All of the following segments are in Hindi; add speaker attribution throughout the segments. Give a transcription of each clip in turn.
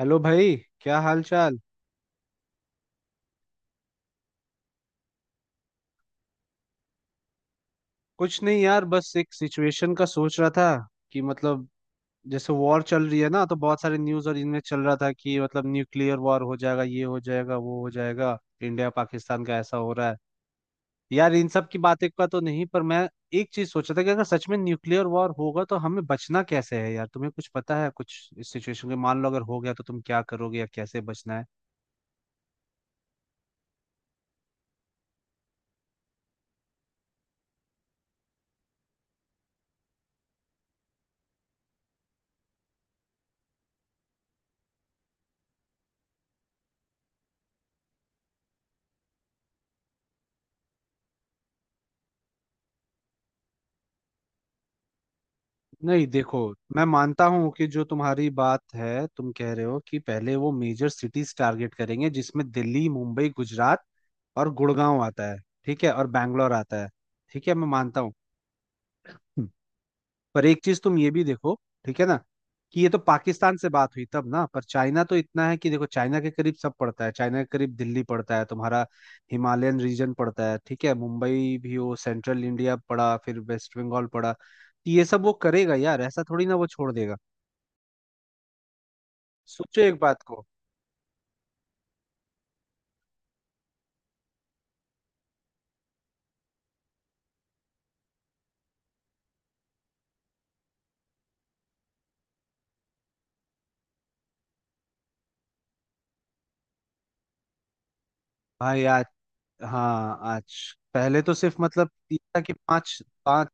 Speaker 1: हेलो भाई। क्या हाल चाल। कुछ नहीं यार, बस एक सिचुएशन का सोच रहा था कि मतलब जैसे वॉर चल रही है ना, तो बहुत सारे न्यूज़ और इनमें चल रहा था कि मतलब न्यूक्लियर वॉर हो जाएगा, ये हो जाएगा, वो हो जाएगा। इंडिया पाकिस्तान का ऐसा हो रहा है। यार इन सब की बातें का तो नहीं, पर मैं एक चीज सोच रहा था कि अगर सच में न्यूक्लियर वॉर होगा तो हमें बचना कैसे है। यार तुम्हें कुछ पता है कुछ इस सिचुएशन के? मान लो अगर हो गया तो तुम क्या करोगे या कैसे बचना है? नहीं, देखो, मैं मानता हूं कि जो तुम्हारी बात है, तुम कह रहे हो कि पहले वो मेजर सिटीज टारगेट करेंगे जिसमें दिल्ली, मुंबई, गुजरात और गुड़गांव आता है। ठीक है। और बैंगलोर आता है। ठीक है, मैं मानता हूँ। हम्म। पर एक चीज तुम ये भी देखो, ठीक है ना, कि ये तो पाकिस्तान से बात हुई तब ना। पर चाइना तो इतना है कि देखो, चाइना के करीब सब पड़ता है, चाइना के करीब दिल्ली पड़ता है, तुम्हारा हिमालयन रीजन पड़ता है, ठीक है। मुंबई भी वो सेंट्रल इंडिया पड़ा, फिर वेस्ट बंगाल पड़ा। तो ये सब वो करेगा यार, ऐसा थोड़ी ना वो छोड़ देगा। सोचो एक बात को। भाई आज, हाँ आज, पहले तो सिर्फ मतलब 3 था कि 5, 5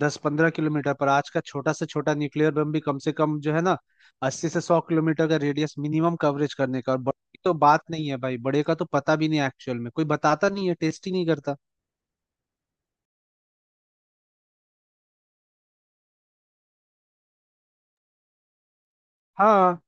Speaker 1: 10 15 किलोमीटर। पर आज का छोटा से छोटा न्यूक्लियर बम भी कम से कम जो है ना 80 से 100 किलोमीटर का रेडियस मिनिमम कवरेज करने का। और बड़े की तो बात नहीं है भाई, बड़े का तो पता भी नहीं, एक्चुअल में कोई बताता नहीं है, टेस्ट ही नहीं करता। हाँ।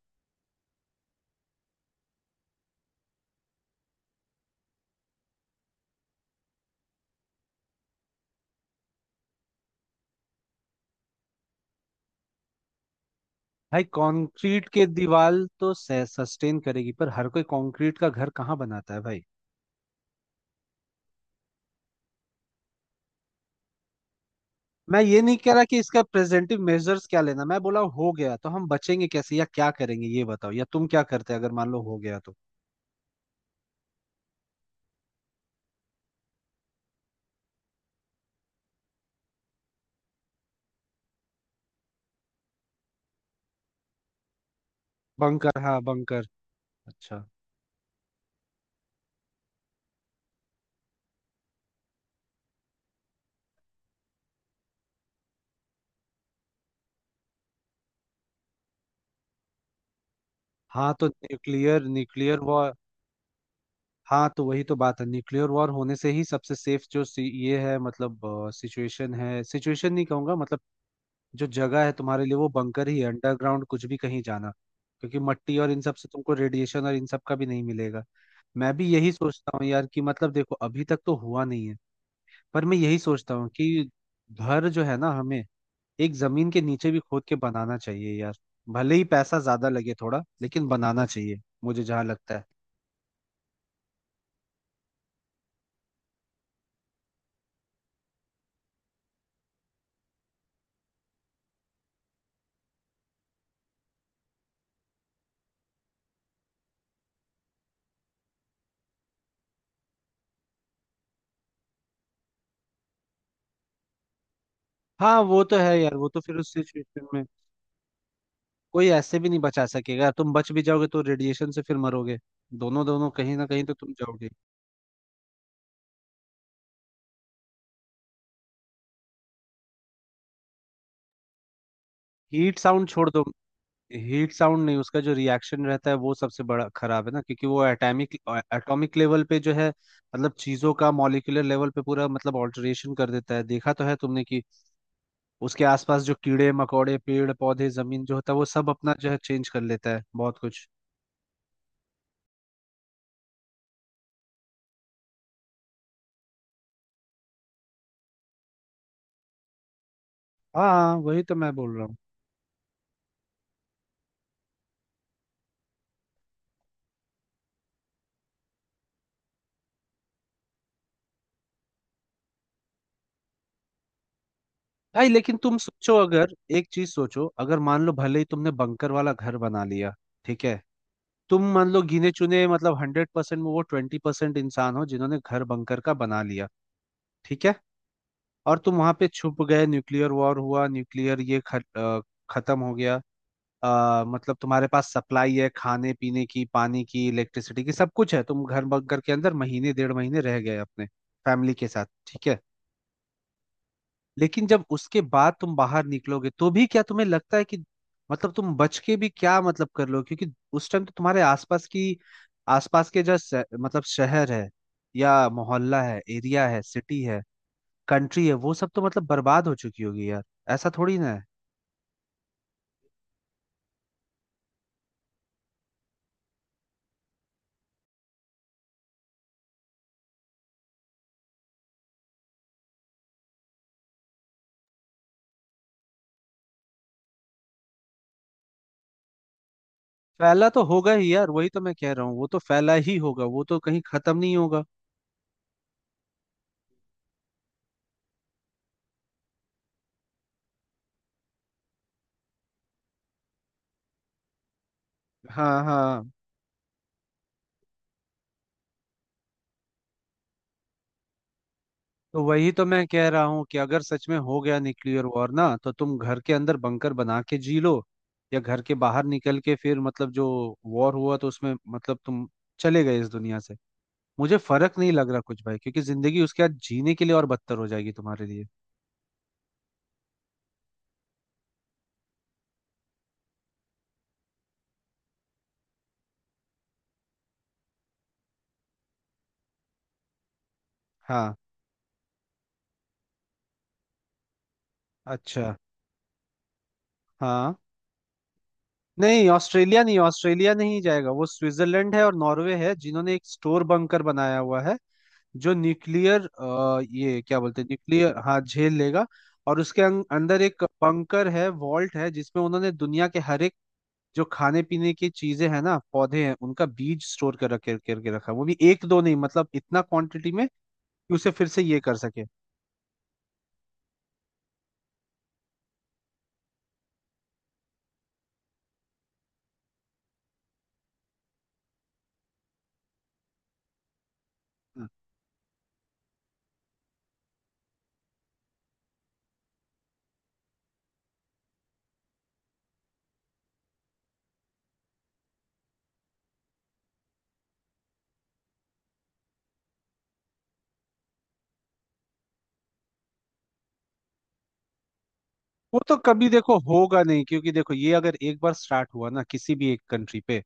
Speaker 1: भाई कंक्रीट के दीवार तो सस्टेन करेगी, पर हर कोई कंक्रीट का घर कहाँ बनाता है भाई? मैं ये नहीं कह रहा कि इसका प्रेजेंटिव मेजर्स क्या लेना। मैं बोला हो गया तो हम बचेंगे कैसे या क्या करेंगे, ये बताओ। या तुम क्या करते अगर मान लो हो गया तो? बंकर, हाँ बंकर। अच्छा। हाँ तो न्यूक्लियर, न्यूक्लियर वॉर। हाँ, तो वही तो बात है, न्यूक्लियर वॉर होने से ही सबसे सेफ जो ये है, मतलब सिचुएशन है, सिचुएशन नहीं कहूंगा, मतलब जो जगह है तुम्हारे लिए वो बंकर ही है, अंडरग्राउंड कुछ भी कहीं जाना, क्योंकि मट्टी और इन सब से तुमको रेडिएशन और इन सब का भी नहीं मिलेगा। मैं भी यही सोचता हूँ यार कि मतलब देखो, अभी तक तो हुआ नहीं है, पर मैं यही सोचता हूँ कि घर जो है ना हमें एक जमीन के नीचे भी खोद के बनाना चाहिए यार। भले ही पैसा ज्यादा लगे थोड़ा, लेकिन बनाना चाहिए, मुझे जहां लगता है। हाँ वो तो है यार, वो तो फिर उस सिचुएशन में कोई ऐसे भी नहीं बचा सकेगा। तुम बच भी जाओगे तो रेडिएशन से फिर मरोगे। दोनों दोनों कहीं ना कहीं तो तुम जाओगे। हीट साउंड छोड़ दो। हीट साउंड नहीं, उसका जो रिएक्शन रहता है वो सबसे बड़ा खराब है ना, क्योंकि वो एटॉमिक एटॉमिक लेवल पे जो है, मतलब चीजों का मॉलिक्यूलर लेवल पे पूरा मतलब ऑल्टरेशन कर देता है। देखा तो है तुमने कि उसके आसपास जो कीड़े मकोड़े पेड़ पौधे जमीन जो होता है, वो सब अपना जो है चेंज कर लेता है बहुत कुछ। हाँ हाँ, वही तो मैं बोल रहा हूँ। भाई लेकिन तुम सोचो, अगर एक चीज सोचो, अगर मान लो भले ही तुमने बंकर वाला घर बना लिया, ठीक है, तुम मान लो गिने चुने मतलब 100% में वो 20% इंसान हो जिन्होंने घर बंकर का बना लिया, ठीक है, और तुम वहां पे छुप गए, न्यूक्लियर वॉर हुआ, न्यूक्लियर ये खत्म हो गया। मतलब तुम्हारे पास सप्लाई है खाने पीने की, पानी की, इलेक्ट्रिसिटी की, सब कुछ है, तुम घर बंकर के अंदर महीने डेढ़ महीने रह गए अपने फैमिली के साथ, ठीक है। लेकिन जब उसके बाद तुम बाहर निकलोगे तो भी क्या तुम्हें लगता है कि मतलब तुम बच के भी क्या मतलब कर लो? क्योंकि उस टाइम तो तुम्हारे आसपास की, आसपास के जो मतलब शहर है या मोहल्ला है, एरिया है, सिटी है, कंट्री है, वो सब तो मतलब बर्बाद हो चुकी होगी यार। ऐसा थोड़ी ना है। फैला तो होगा ही यार, वही तो मैं कह रहा हूँ, वो तो फैला ही होगा, वो तो कहीं खत्म नहीं होगा। हाँ। हाँ तो वही तो मैं कह रहा हूँ कि अगर सच में हो गया न्यूक्लियर वॉर ना, तो तुम घर के अंदर बंकर बना के जी लो, या घर के बाहर निकल के फिर मतलब जो वॉर हुआ तो उसमें मतलब तुम चले गए इस दुनिया से, मुझे फर्क नहीं लग रहा कुछ भाई, क्योंकि जिंदगी उसके बाद जीने के लिए और बदतर हो जाएगी तुम्हारे लिए। हाँ। अच्छा। हाँ। नहीं, ऑस्ट्रेलिया नहीं, ऑस्ट्रेलिया नहीं जाएगा, वो स्विट्जरलैंड है और नॉर्वे है जिन्होंने एक स्टोर बंकर बनाया हुआ है जो न्यूक्लियर, ये क्या बोलते हैं, न्यूक्लियर, हाँ, झेल लेगा। और उसके अंदर एक बंकर है, वॉल्ट है, जिसमें उन्होंने दुनिया के हर एक जो खाने पीने की चीजें हैं ना, पौधे हैं, उनका बीज स्टोर कर रखे करके रखा है। वो भी एक दो नहीं, मतलब इतना क्वांटिटी में कि उसे फिर से ये कर सके। वो तो कभी देखो होगा नहीं, क्योंकि देखो ये अगर एक बार स्टार्ट हुआ ना किसी भी एक कंट्री पे,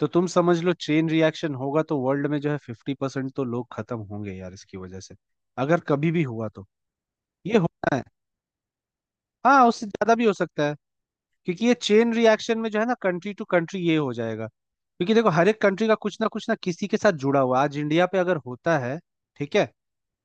Speaker 1: तो तुम समझ लो चेन रिएक्शन होगा, तो वर्ल्ड में जो है 50% तो लोग खत्म होंगे यार इसकी वजह से। अगर कभी भी हुआ तो ये होना है। हाँ, उससे ज्यादा भी हो सकता है, क्योंकि ये चेन रिएक्शन में जो है ना, कंट्री टू कंट्री ये हो जाएगा। क्योंकि देखो हर एक कंट्री का कुछ ना किसी के साथ जुड़ा हुआ। आज इंडिया पे अगर होता है, ठीक है,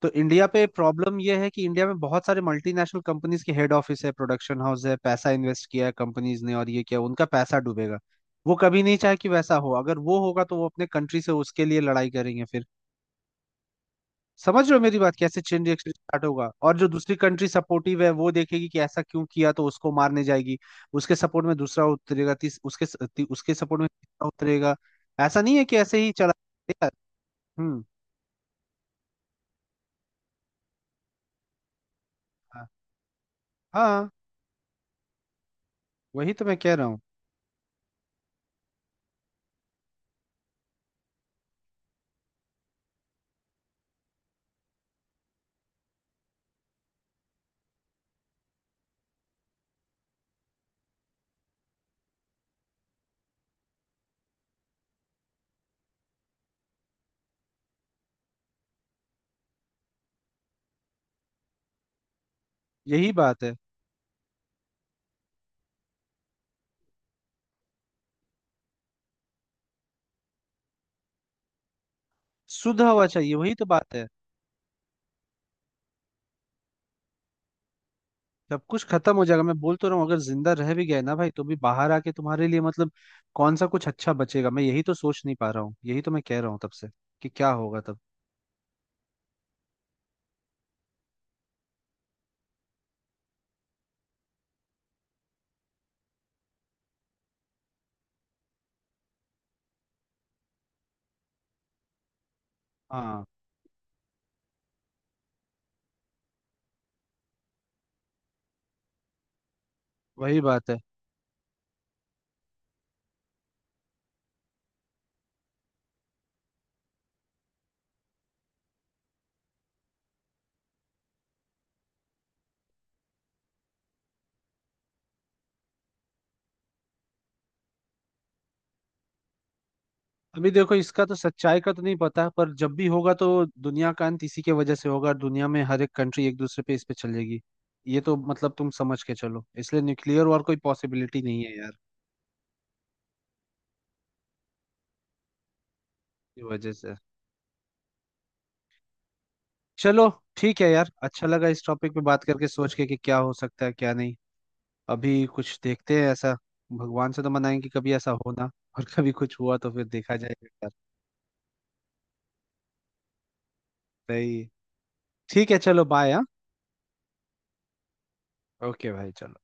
Speaker 1: तो इंडिया पे प्रॉब्लम यह है कि इंडिया में बहुत सारे मल्टीनेशनल कंपनीज के हेड ऑफिस है, प्रोडक्शन हाउस है, पैसा इन्वेस्ट किया है कंपनीज ने, और ये क्या उनका पैसा डूबेगा। वो कभी नहीं चाहे कि वैसा हो। अगर वो होगा तो वो अपने कंट्री से उसके लिए लड़ाई करेंगे फिर। समझ रहे हो मेरी बात, कैसे चेन रिएक्शन स्टार्ट होगा? और जो दूसरी कंट्री सपोर्टिव है वो देखेगी कि ऐसा क्यों किया, तो उसको मारने जाएगी। उसके सपोर्ट में दूसरा उतरेगा, तीस उसके स- ती, उसके सपोर्ट में तीसरा उतरेगा। ऐसा नहीं है कि ऐसे ही चला। हम्म। हाँ। हाँ, वही तो मैं कह रहा हूँ। यही बात है। शुद्ध हवा चाहिए, वही तो बात है। सब कुछ खत्म हो जाएगा। मैं बोल तो रहा हूँ, अगर जिंदा रह भी गए ना भाई, तो भी बाहर आके तुम्हारे लिए मतलब कौन सा कुछ अच्छा बचेगा? मैं यही तो सोच नहीं पा रहा हूँ, यही तो मैं कह रहा हूँ तब से, कि क्या होगा तब। हाँ वही बात है। अभी देखो इसका तो सच्चाई का तो नहीं पता, पर जब भी होगा तो दुनिया का अंत इसी के वजह से होगा, और दुनिया में हर एक कंट्री एक दूसरे पे इस पे चलेगी। ये तो मतलब तुम समझ के चलो, इसलिए न्यूक्लियर वॉर कोई पॉसिबिलिटी नहीं है यार, की वजह से। चलो, ठीक है यार, अच्छा लगा इस टॉपिक पे बात करके सोच के कि क्या हो सकता है क्या नहीं। अभी कुछ देखते हैं ऐसा। भगवान से तो मनाएंगे कि कभी ऐसा हो ना। और कभी कुछ हुआ तो फिर देखा जाएगा यार। सही है। ठीक है, चलो, बाय हाँ। ओके भाई चलो।